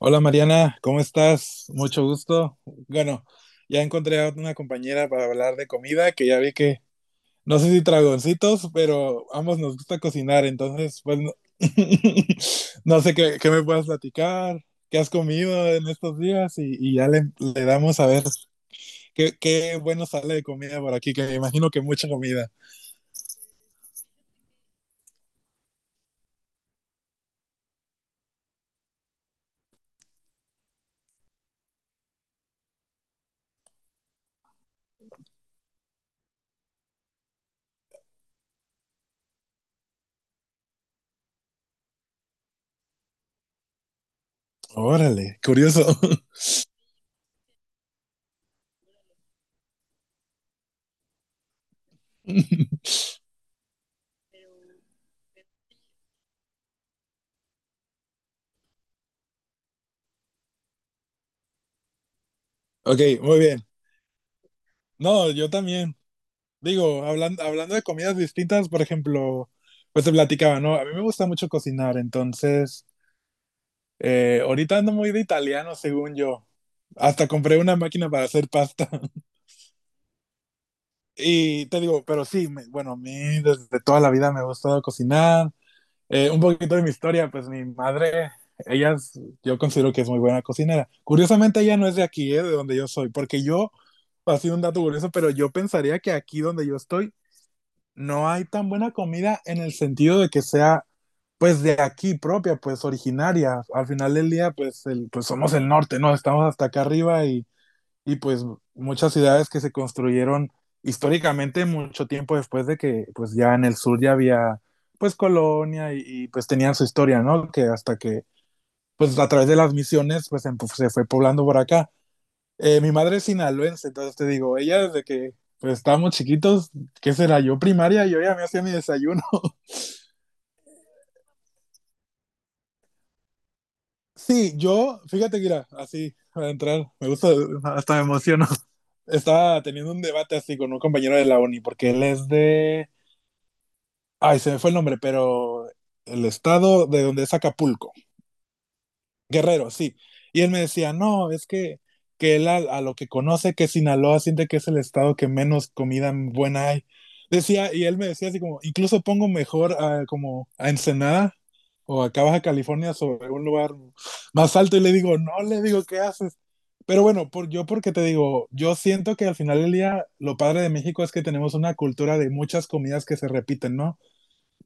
Hola Mariana, ¿cómo estás? Mucho gusto. Bueno, ya encontré a una compañera para hablar de comida, que ya vi que, no sé si dragoncitos, pero ambos nos gusta cocinar, entonces, pues, no, no sé qué me puedas platicar, qué has comido en estos días y ya le damos a ver qué bueno sale de comida por aquí, que me imagino que mucha comida. Órale, curioso. Ok, muy bien. No, yo también. Digo, hablando de comidas distintas, por ejemplo, pues te platicaba, ¿no? A mí me gusta mucho cocinar, entonces, ahorita ando muy de italiano, según yo. Hasta compré una máquina para hacer pasta. Y te digo, pero sí, bueno, a mí desde toda la vida me ha gustado cocinar. Un poquito de mi historia, pues mi madre, ella es- yo considero que es muy buena cocinera. Curiosamente, ella no es de aquí, de donde yo soy, porque yo, así un dato curioso, pero yo pensaría que aquí donde yo estoy no hay tan buena comida en el sentido de que sea pues de aquí propia, pues originaria. Al final del día, pues, pues somos el norte, ¿no? Estamos hasta acá arriba y pues muchas ciudades que se construyeron históricamente mucho tiempo después de que pues ya en el sur ya había pues colonia y pues tenían su historia, ¿no? Que hasta que pues a través de las misiones pues se fue poblando por acá. Mi madre es sinaloense, entonces te digo, ella desde que pues, estábamos chiquitos, ¿qué será? Yo primaria, yo ya me hacía mi desayuno. Sí, yo, fíjate que era así, para entrar, me gusta, hasta me emociono. Estaba teniendo un debate así con un compañero de la uni, porque él es de, ay, se me fue el nombre, pero el estado de donde es Acapulco. Guerrero, sí. Y él me decía, no, es que él a lo que conoce que Sinaloa siente que es el estado que menos comida buena hay. Decía, y él me decía así como, incluso pongo mejor como a Ensenada o acá Baja California sobre un lugar más alto y le digo, no, le digo, ¿qué haces? Pero bueno, yo porque te digo, yo siento que al final del día lo padre de México es que tenemos una cultura de muchas comidas que se repiten, ¿no?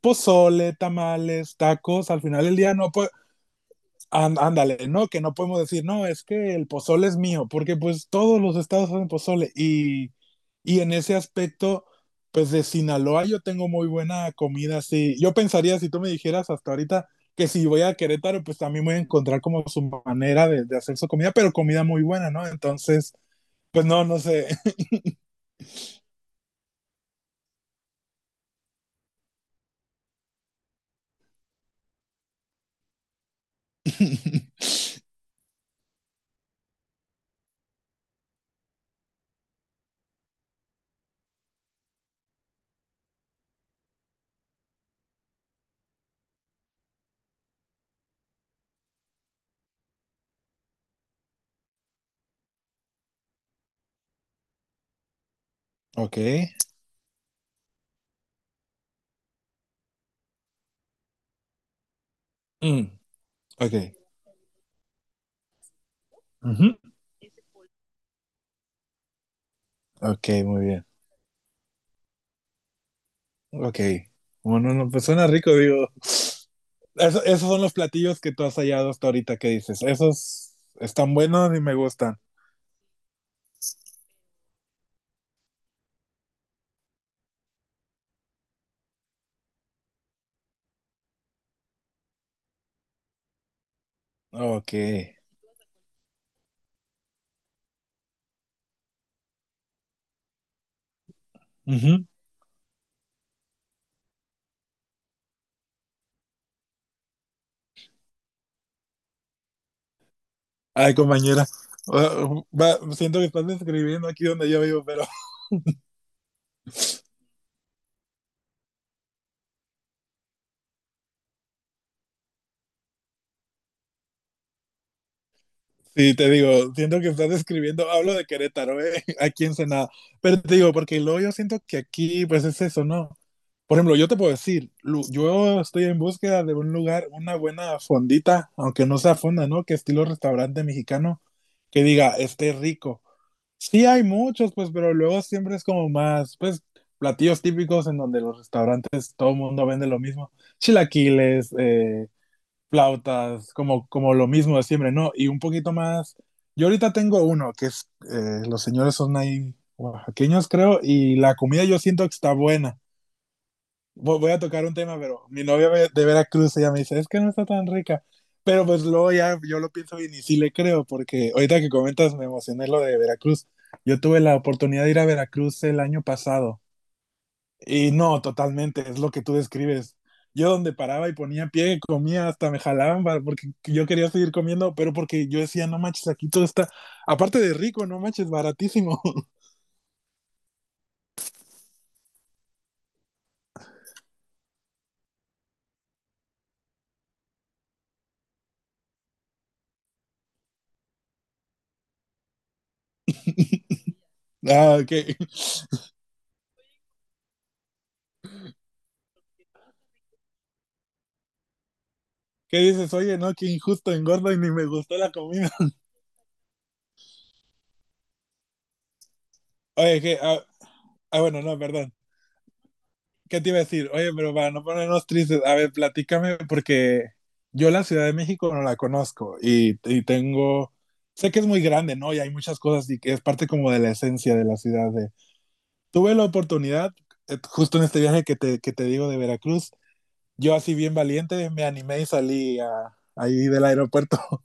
Pozole, tamales, tacos, al final del día no, pues, And, ándale, ¿no? Que no podemos decir, no, es que el pozole es mío, porque pues todos los estados hacen pozole y en ese aspecto, pues de Sinaloa yo tengo muy buena comida, sí. Yo pensaría, si tú me dijeras hasta ahorita, que si voy a Querétaro, pues también voy a encontrar como su manera de hacer su comida, pero comida muy buena, ¿no? Entonces, pues no, no sé. Ok. Mm, ok. Ujú. Ok, muy bien. Ok. Bueno, no, pues suena rico, digo. Esos son los platillos que tú has hallado hasta ahorita que dices. Esos están buenos y me gustan. Ok. Ujú. Ay, compañera. Siento que estás describiendo aquí donde yo vivo, pero sí, te digo, siento que estás describiendo, hablo de Querétaro, ¿eh? Aquí en Senada. Pero te digo, porque luego yo siento que aquí, pues es eso, ¿no? Por ejemplo, yo te puedo decir, yo estoy en búsqueda de un lugar, una buena fondita, aunque no sea fonda, ¿no? Que estilo restaurante mexicano, que diga, esté rico. Sí hay muchos, pues, pero luego siempre es como más, pues, platillos típicos en donde los restaurantes todo el mundo vende lo mismo. Chilaquiles, flautas, como, como lo mismo de siempre, ¿no? Y un poquito más. Yo ahorita tengo uno, que es, los señores son ahí oaxaqueños, creo, y la comida yo siento que está buena. Voy a tocar un tema, pero mi novia de Veracruz ella me dice, es que no está tan rica. Pero pues luego ya yo lo pienso bien y sí le creo, porque ahorita que comentas me emocioné lo de Veracruz. Yo tuve la oportunidad de ir a Veracruz el año pasado y no, totalmente, es lo que tú describes. Yo donde paraba y ponía pie, comía, hasta me jalaban porque yo quería seguir comiendo, pero porque yo decía, no manches, aquí todo está, aparte de rico, no manches, baratísimo. Ah, ¿qué dices? Oye, no, qué injusto, engordo y ni me gustó la comida. Oye, bueno, no, perdón. ¿Qué te iba a decir? Oye, pero para no ponernos tristes, a ver, platícame, porque yo la Ciudad de México no la conozco y tengo, sé que es muy grande, ¿no? Y hay muchas cosas y que es parte como de la esencia de la ciudad. De... Tuve la oportunidad, justo en este viaje que te digo de Veracruz, yo así bien valiente me animé y ahí del aeropuerto,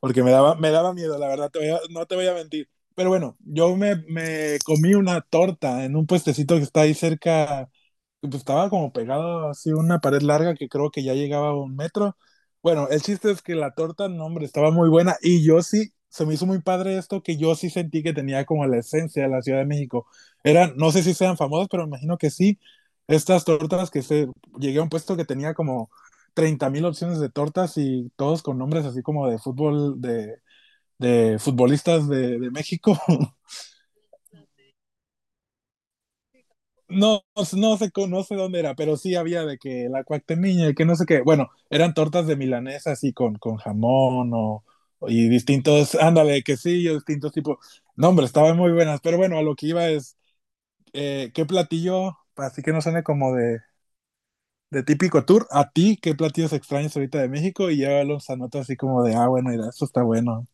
porque me daba miedo, la verdad, no te voy a mentir. Pero bueno, yo me comí una torta en un puestecito que está ahí cerca pues, estaba como pegado así una pared larga que creo que ya llegaba a un metro. Bueno, el chiste es que la torta, no, hombre, estaba muy buena y yo sí, se me hizo muy padre esto que yo sí sentí que tenía como la esencia de la Ciudad de México. Eran, no sé si sean famosas, pero me imagino que sí, estas tortas que se, llegué a un puesto que tenía como 30,000 opciones de tortas y todos con nombres así como de fútbol, de futbolistas de México. No, no sé, no sé dónde era, pero sí había de que la cuactemiña y que no sé qué. Bueno, eran tortas de milanesa así con jamón o, y distintos, ándale, quesillos, distintos tipos. No, hombre, estaban muy buenas, pero bueno, a lo que iba es, ¿qué platillo, así que no suene como de típico tour, a ti, qué platillos extraños ahorita de México? Y llévalos a nota así como de, ah, bueno, mira, eso está bueno.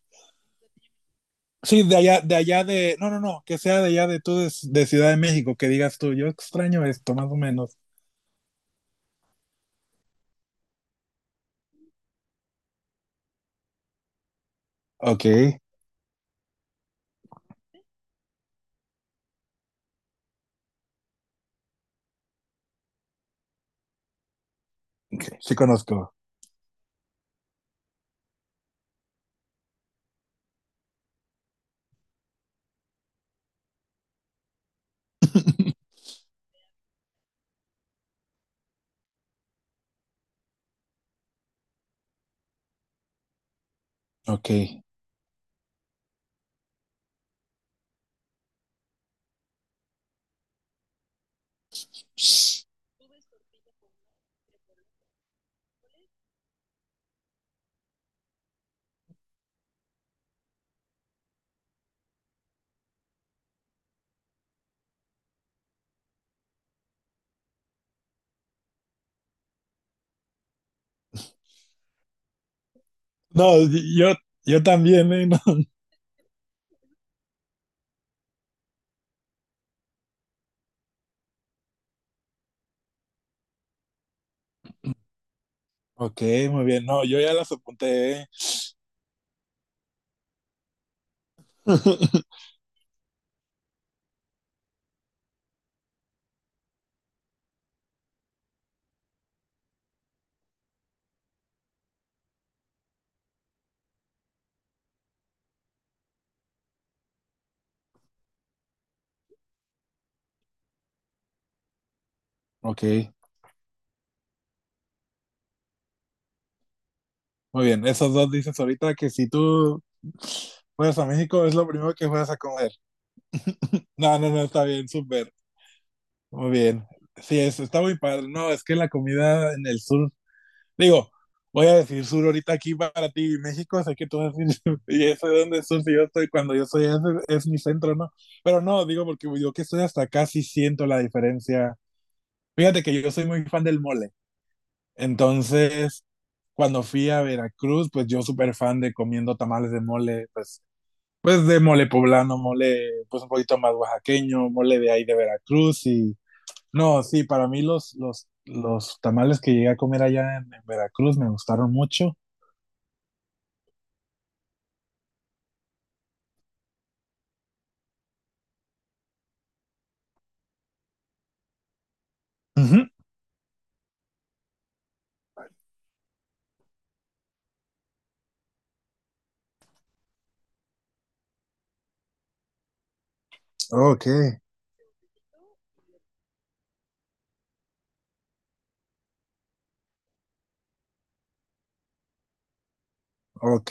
Sí, de allá, de allá de, no, no, no, que sea de allá de tú de Ciudad de México, que digas tú, yo extraño esto, más o menos. Ok, okay, sí conozco. Ok. No, yo, yo también, ¿eh? No. Ok, muy bien. No, yo ya las apunté, ¿eh? Ok, muy bien. Esos dos dices ahorita que si tú fueras a México es lo primero que fueras a comer. No, no, no, está bien, súper. Muy bien. Sí, eso está muy padre. No, es que la comida en el sur. Digo, voy a decir sur ahorita aquí para ti, México, sé que tú vas a decir, y eso de donde sur, si yo estoy, cuando yo soy, ese es mi centro, ¿no? Pero no, digo, porque yo que estoy hasta acá sí siento la diferencia. Fíjate que yo soy muy fan del mole, entonces, cuando fui a Veracruz, pues yo súper fan de comiendo tamales de mole, pues, pues de mole poblano, mole, pues un poquito más oaxaqueño, mole de ahí de Veracruz y... No, sí, para mí los tamales que llegué a comer allá en Veracruz me gustaron mucho. Ujú. Ok, ok.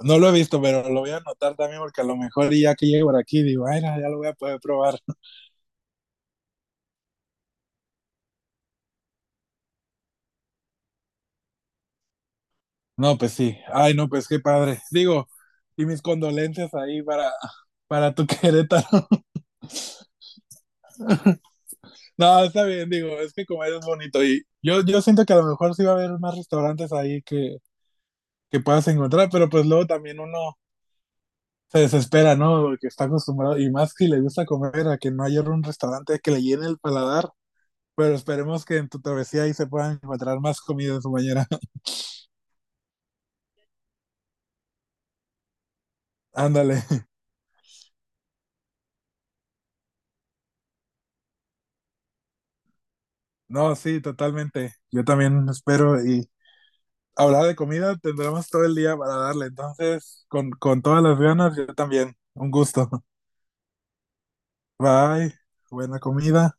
No lo he visto, pero lo voy a anotar también porque a lo mejor ya que llego por aquí digo, ay, no, ya lo voy a poder probar. No, pues sí. Ay, no, pues qué padre. Digo, y mis condolencias ahí para tu Querétaro. No, está bien, digo, es que comer es bonito y yo siento que a lo mejor sí va a haber más restaurantes ahí que puedas encontrar, pero pues luego también uno se desespera, ¿no? Porque está acostumbrado, y más si le gusta comer, a que no haya un restaurante que le llene el paladar. Pero esperemos que en tu travesía ahí se puedan encontrar más comida, compañera. Ándale. No, sí, totalmente. Yo también espero y hablar de comida tendremos todo el día para darle. Entonces, con todas las ganas, yo también. Un gusto. Bye. Buena comida.